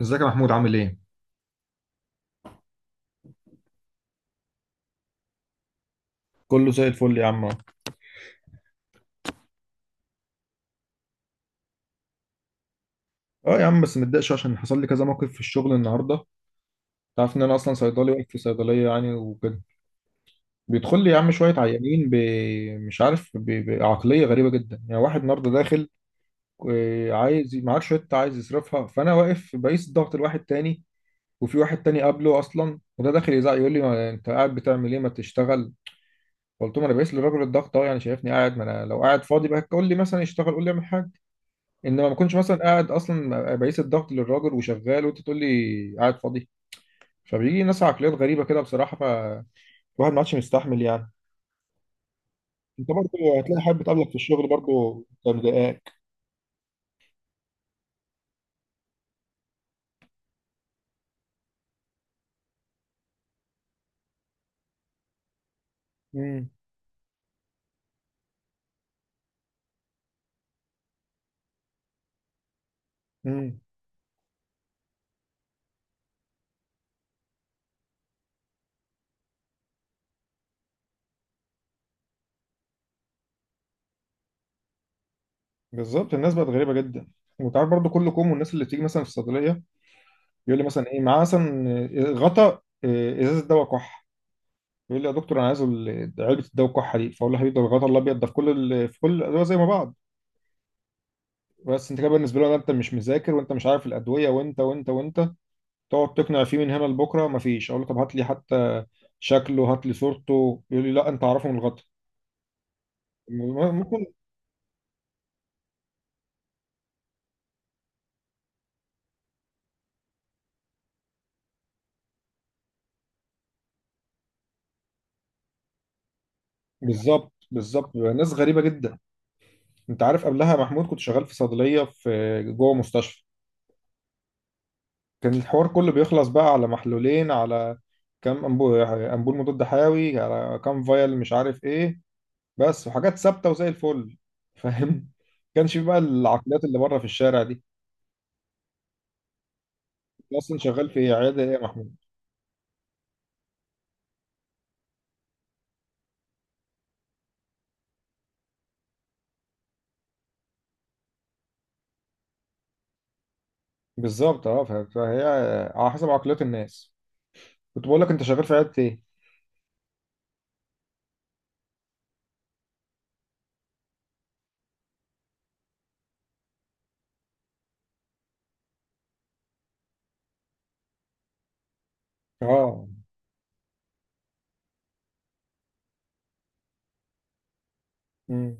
ازيك يا محمود عامل ايه؟ كله زي الفل يا عم. اه يا عم بس متضايقش عشان حصل لي كذا موقف في الشغل النهارده. انت عارف ان انا اصلا صيدلي واقف في صيدليه وكده، بيدخل لي يا عم شويه مش عارف بعقليه غريبه جدا. يعني واحد النهارده داخل، عايز معاه شويه عايز يصرفها، فانا واقف بقيس الضغط لواحد تاني، وفي واحد تاني قبله اصلا، وده داخل يزعق يقول لي ما انت قاعد بتعمل ايه، ما تشتغل. قلت له ما انا بقيس للراجل الضغط اهو، يعني شايفني قاعد؟ ما انا لو قاعد فاضي بقى قول لي مثلا يشتغل، قول لي اعمل حاجه. انما ما كنتش مثلا قاعد، اصلا بقيس الضغط للراجل وشغال وانت تقول لي قاعد فاضي. فبيجي ناس عقليات غريبه كده بصراحه، فالواحد ما عادش مستحمل يعني. انت برضه هتلاقي حد بتقابلك في الشغل برضه ده مضايقاك. امم. امم. بالظبط، الناس بقت غريبه جدا. وانت عارف برضه كل كوم، والناس اللي بتيجي مثلا في الصيدليه يقول لي مثلا ايه معاه مثلا، غطا، ازازه دواء كح. يقول لي يا دكتور انا عايز علبه الدواء الكحه دي، فاقول له حبيبي ده الغطا الابيض ده في كل الادويه زي ما بعض. بس انت كده بالنسبه له ده انت مش مذاكر وانت مش عارف الادويه وانت وانت وانت. تقعد تقنع فيه من هنا لبكره مفيش. اقول له طب هات لي حتى شكله، هات لي صورته، يقول لي لا انت عارفه من الغطا. ممكن. بالظبط بالظبط، ناس غريبه جدا. انت عارف قبلها محمود كنت شغال في صيدليه في جوه مستشفى، كان الحوار كله بيخلص بقى على محلولين، على كام امبول مضاد حيوي، على كام فايل مش عارف ايه، بس. وحاجات ثابته وزي الفل، فاهم؟ كانش في بقى العقليات اللي بره في الشارع دي. أنت اصلا شغال في عياده ايه يا محمود؟ بالظبط. اه فهي على حسب عقليات الناس. كنت بقول لك انت شغال في عيادة ايه؟ اه. امم.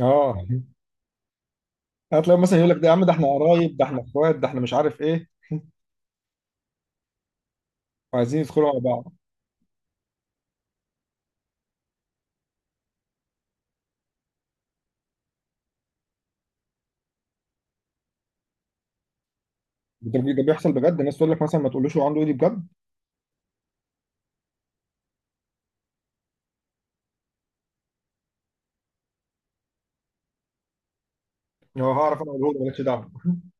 اه. هتلاقي مثلا يقول لك ده يا عم ده احنا قرايب، ده احنا اخوات، ده احنا مش عارف ايه، وعايزين يدخلوا مع بعض. ده بيحصل بجد، الناس تقول لك مثلا ما تقولوش هو عنده ايه، دي بجد. هو هعرف؟ انا اقوله له مالكش دعوه.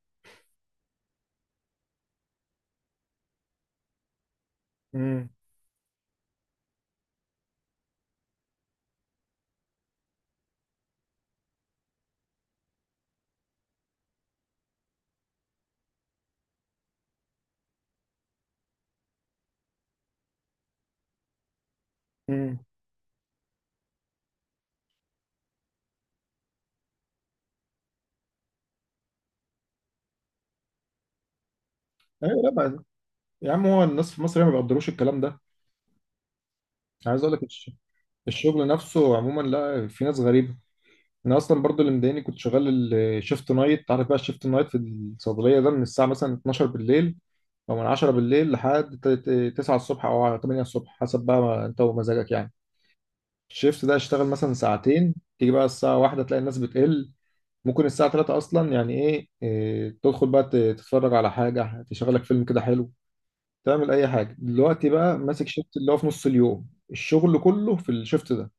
امم. امم. ايوه لا بقى. يا عم هو الناس في مصر هي ما بيقدروش الكلام ده. عايز اقول لك الشغل نفسه عموما لا، في ناس غريبه. انا اصلا برضو اللي مضايقني كنت شغال الشيفت نايت. عارف بقى الشيفت نايت في الصيدليه ده من الساعه مثلا 12 بالليل او من 10 بالليل لحد 9 الصبح او 8 الصبح، حسب بقى ما انت ومزاجك يعني. الشيفت ده اشتغل مثلا ساعتين، تيجي بقى الساعه واحدة تلاقي الناس بتقل، ممكن الساعه 3 اصلا. يعني إيه تدخل بقى تتفرج على حاجه تشغلك، فيلم كده حلو، تعمل اي حاجه. دلوقتي بقى ماسك شيفت اللي هو في نص اليوم، الشغل كله في الشيفت ده.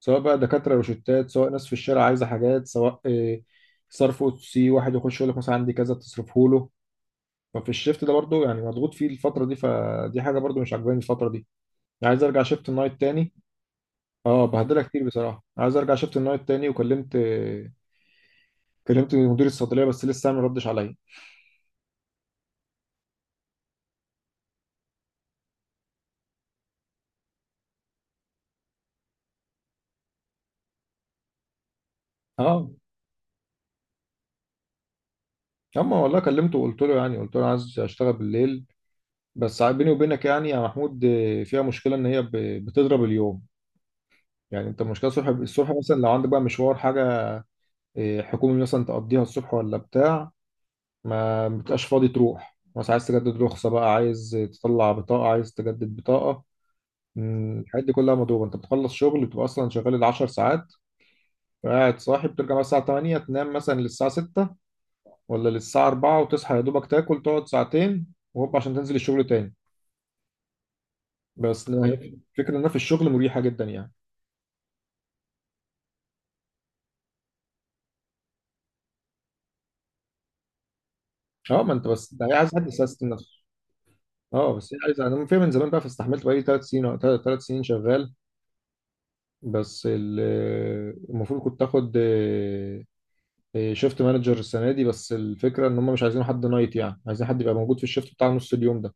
سواء بقى دكاترة روشتات، سواء ناس في الشارع عايزة حاجات، سواء صرف، او سي واحد يخش يقول لك مثلا عندي كذا تصرفه له. ففي الشيفت ده برضو يعني مضغوط فيه الفترة دي، فدي حاجة برضو مش عاجباني الفترة دي. يعني عايز ارجع شيفت النايت تاني. اه بهدلها كتير بصراحة، عايز ارجع شيفت النايت تاني. وكلمت كلمت مدير الصيدلية بس لسه ما ردش عليا. اه. اما والله كلمته وقلت له يعني قلت له عايز اشتغل بالليل. بس بيني وبينك يعني يا محمود، فيها مشكلة ان هي بتضرب اليوم. يعني انت المشكله الصبح، الصبح مثلا لو عندك بقى مشوار حاجه حكومي مثلا تقضيها الصبح ولا بتاع، ما بتبقاش فاضي تروح. مثلا عايز تجدد رخصة بقى، عايز تطلع بطاقة، عايز تجدد بطاقة، الحاجات دي كلها مضروبة. انت بتخلص شغل بتبقى اصلا شغال العشر ساعات، قاعد صاحي، بترجع مثلا الساعة 8 تنام مثلا للساعة 6 ولا للساعة 4 وتصحى يا دوبك، تاكل تقعد ساعتين وهوب عشان تنزل الشغل تاني. بس الفكرة انها في الشغل مريحة جدا يعني. اه ما انت بس ده عايز حد يسيستم نفسه. اه بس هي عايز، انا فاهم من زمان بقى فاستحملت، بقالي ثلاث سنين، ثلاث سنين شغال. بس المفروض كنت اخد شيفت مانجر السنه دي، بس الفكره ان هم مش عايزين حد نايت، يعني عايزين حد يبقى موجود في الشيفت بتاع نص اليوم ده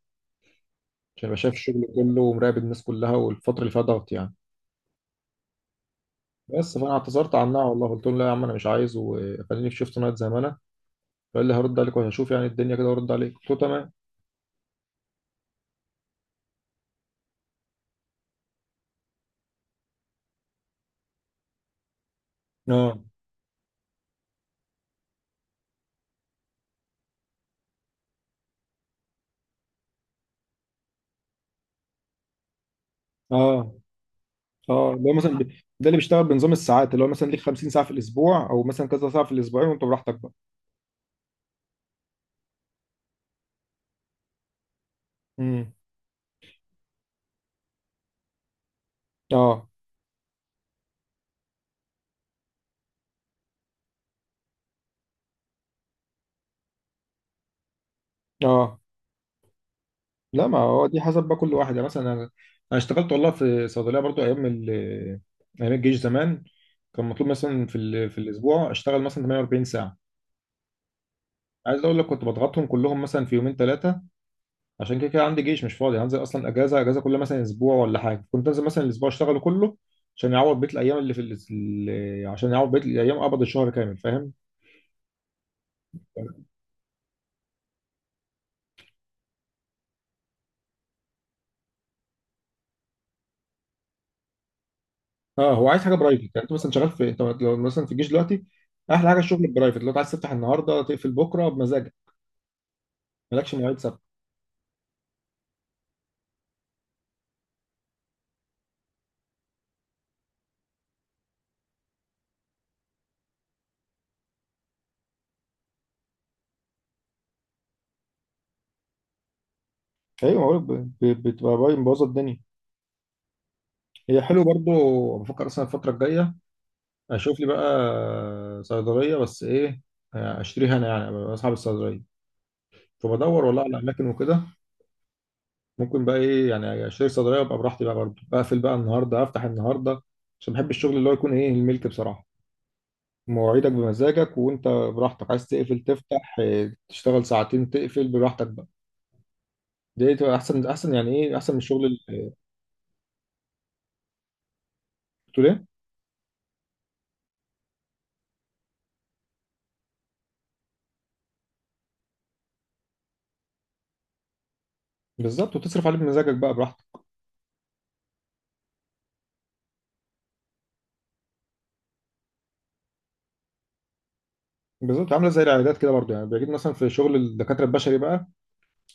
عشان يبقى شايف الشغل كله ومراقب الناس كلها والفتره اللي فيها ضغط يعني. بس فانا اعتذرت عنها والله، قلت لهم لا يا عم انا مش عايز، وخليني في شيفت نايت زي ما انا. فقال لي هرد عليك وهشوف، يعني الدنيا كده، وارد عليك. قلت له تمام. اه. اه. اه اللي هو ده اللي بيشتغل بنظام الساعات، اللي هو مثلا ليك 50 ساعه في الاسبوع او مثلا كذا ساعه في الاسبوعين، وانت براحتك بقى. امم. اه. اه لا ما هو دي حسب بقى كل واحد. يعني مثلا انا، انا اشتغلت والله في صيدليه برضو ايام الجيش زمان، كان مطلوب مثلا في الاسبوع اشتغل مثلا 48 ساعه. عايز اقول لك كنت بضغطهم كلهم مثلا في يومين ثلاثه، عشان كده كده عندي جيش، مش فاضي هنزل اصلا اجازه اجازه كل مثلا اسبوع ولا حاجه. كنت انزل مثلا الاسبوع اشتغله كله عشان يعوض بقيه الايام اللي في ال... ال- عشان يعوض بقيه الايام، قبض الشهر كامل، فاهم؟ اه هو عايز حاجه برايفت. يعني انت مثلا شغال في، انت لو مثلا في الجيش دلوقتي، احلى حاجه الشغل البرايفت. لو أنت عايز تفتح النهارده تقفل بكره بمزاجك، مالكش مواعيد ثابته. ايوه بقولك بتبقى باين مبوظه الدنيا. هي حلو برضو، بفكر اصلا الفتره الجايه اشوف لي بقى صيدليه بس، ايه، اشتريها انا يعني، أبقى اصحاب الصيدليه. فبدور والله على اماكن وكده. ممكن بقى ايه يعني اشتري صيدليه وابقى براحتي بقى برضو، بقفل بقى النهارده افتح النهارده. عشان بحب الشغل اللي هو يكون ايه، الملك بصراحه، مواعيدك بمزاجك، وانت براحتك عايز تقفل تفتح، تشتغل ساعتين تقفل براحتك بقى. دي تبقى احسن احسن، يعني ايه احسن من الشغل اللي بتقول ايه. بالظبط، وتصرف عليه بمزاجك بقى براحتك. بالظبط. عامله زي العيادات كده برضو يعني، بيجيب مثلا في شغل الدكاتره البشري بقى،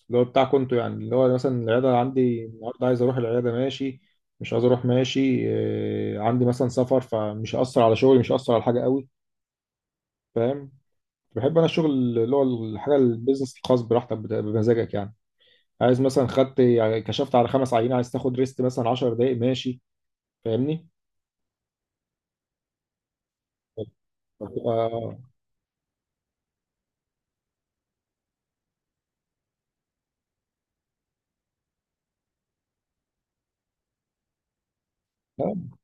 اللي هو بتاع كنتو. يعني اللي هو مثلا العياده عندي النهارده عايز اروح العياده، ماشي، مش عايز اروح، ماشي. عندي مثلا سفر، فمش هيأثر على شغلي، مش هيأثر على حاجه قوي، فاهم؟ بحب انا الشغل اللي هو الحاجه البيزنس الخاص، براحتك بمزاجك يعني. عايز مثلا خدت يعني كشفت على خمس عينين، عايز تاخد ريست مثلا 10 دقائق، ماشي. فاهمني؟ فبتبقى- اه.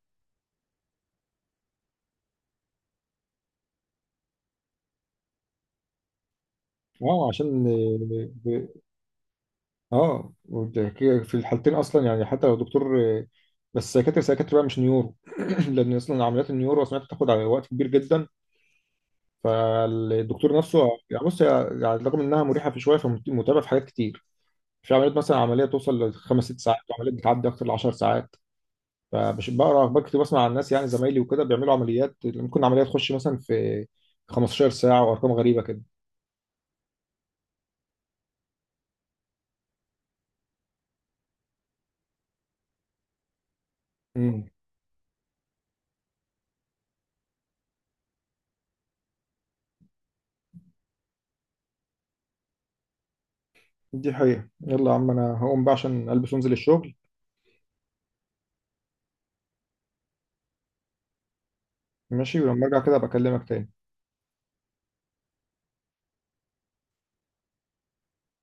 آه، عشان آه، اه. كده في الحالتين اصلا، يعني حتى لو دكتور، بس سيكاتري، سيكاتري بقى مش نيورو. لان اصلا عمليات النيورو سمعت بتاخد على وقت كبير جدا. فالدكتور نفسه يعني، بص يعني رغم انها مريحه في شويه، فمتعبه في حاجات كتير. في عمليات مثلا عمليه توصل لخمس ست ساعات، وعمليات بتعدي اكتر ل 10 ساعات. فمش بقرا اخبار كتير، بسمع عن الناس يعني زمايلي وكده بيعملوا عمليات، ممكن عمليه تخش مثلا في 15 ساعه وارقام غريبه كده. امم. دي حقيقه. يلا يا عم انا هقوم بقى عشان البس وانزل الشغل. ماشي، ولما ارجع كده بكلمك تاني.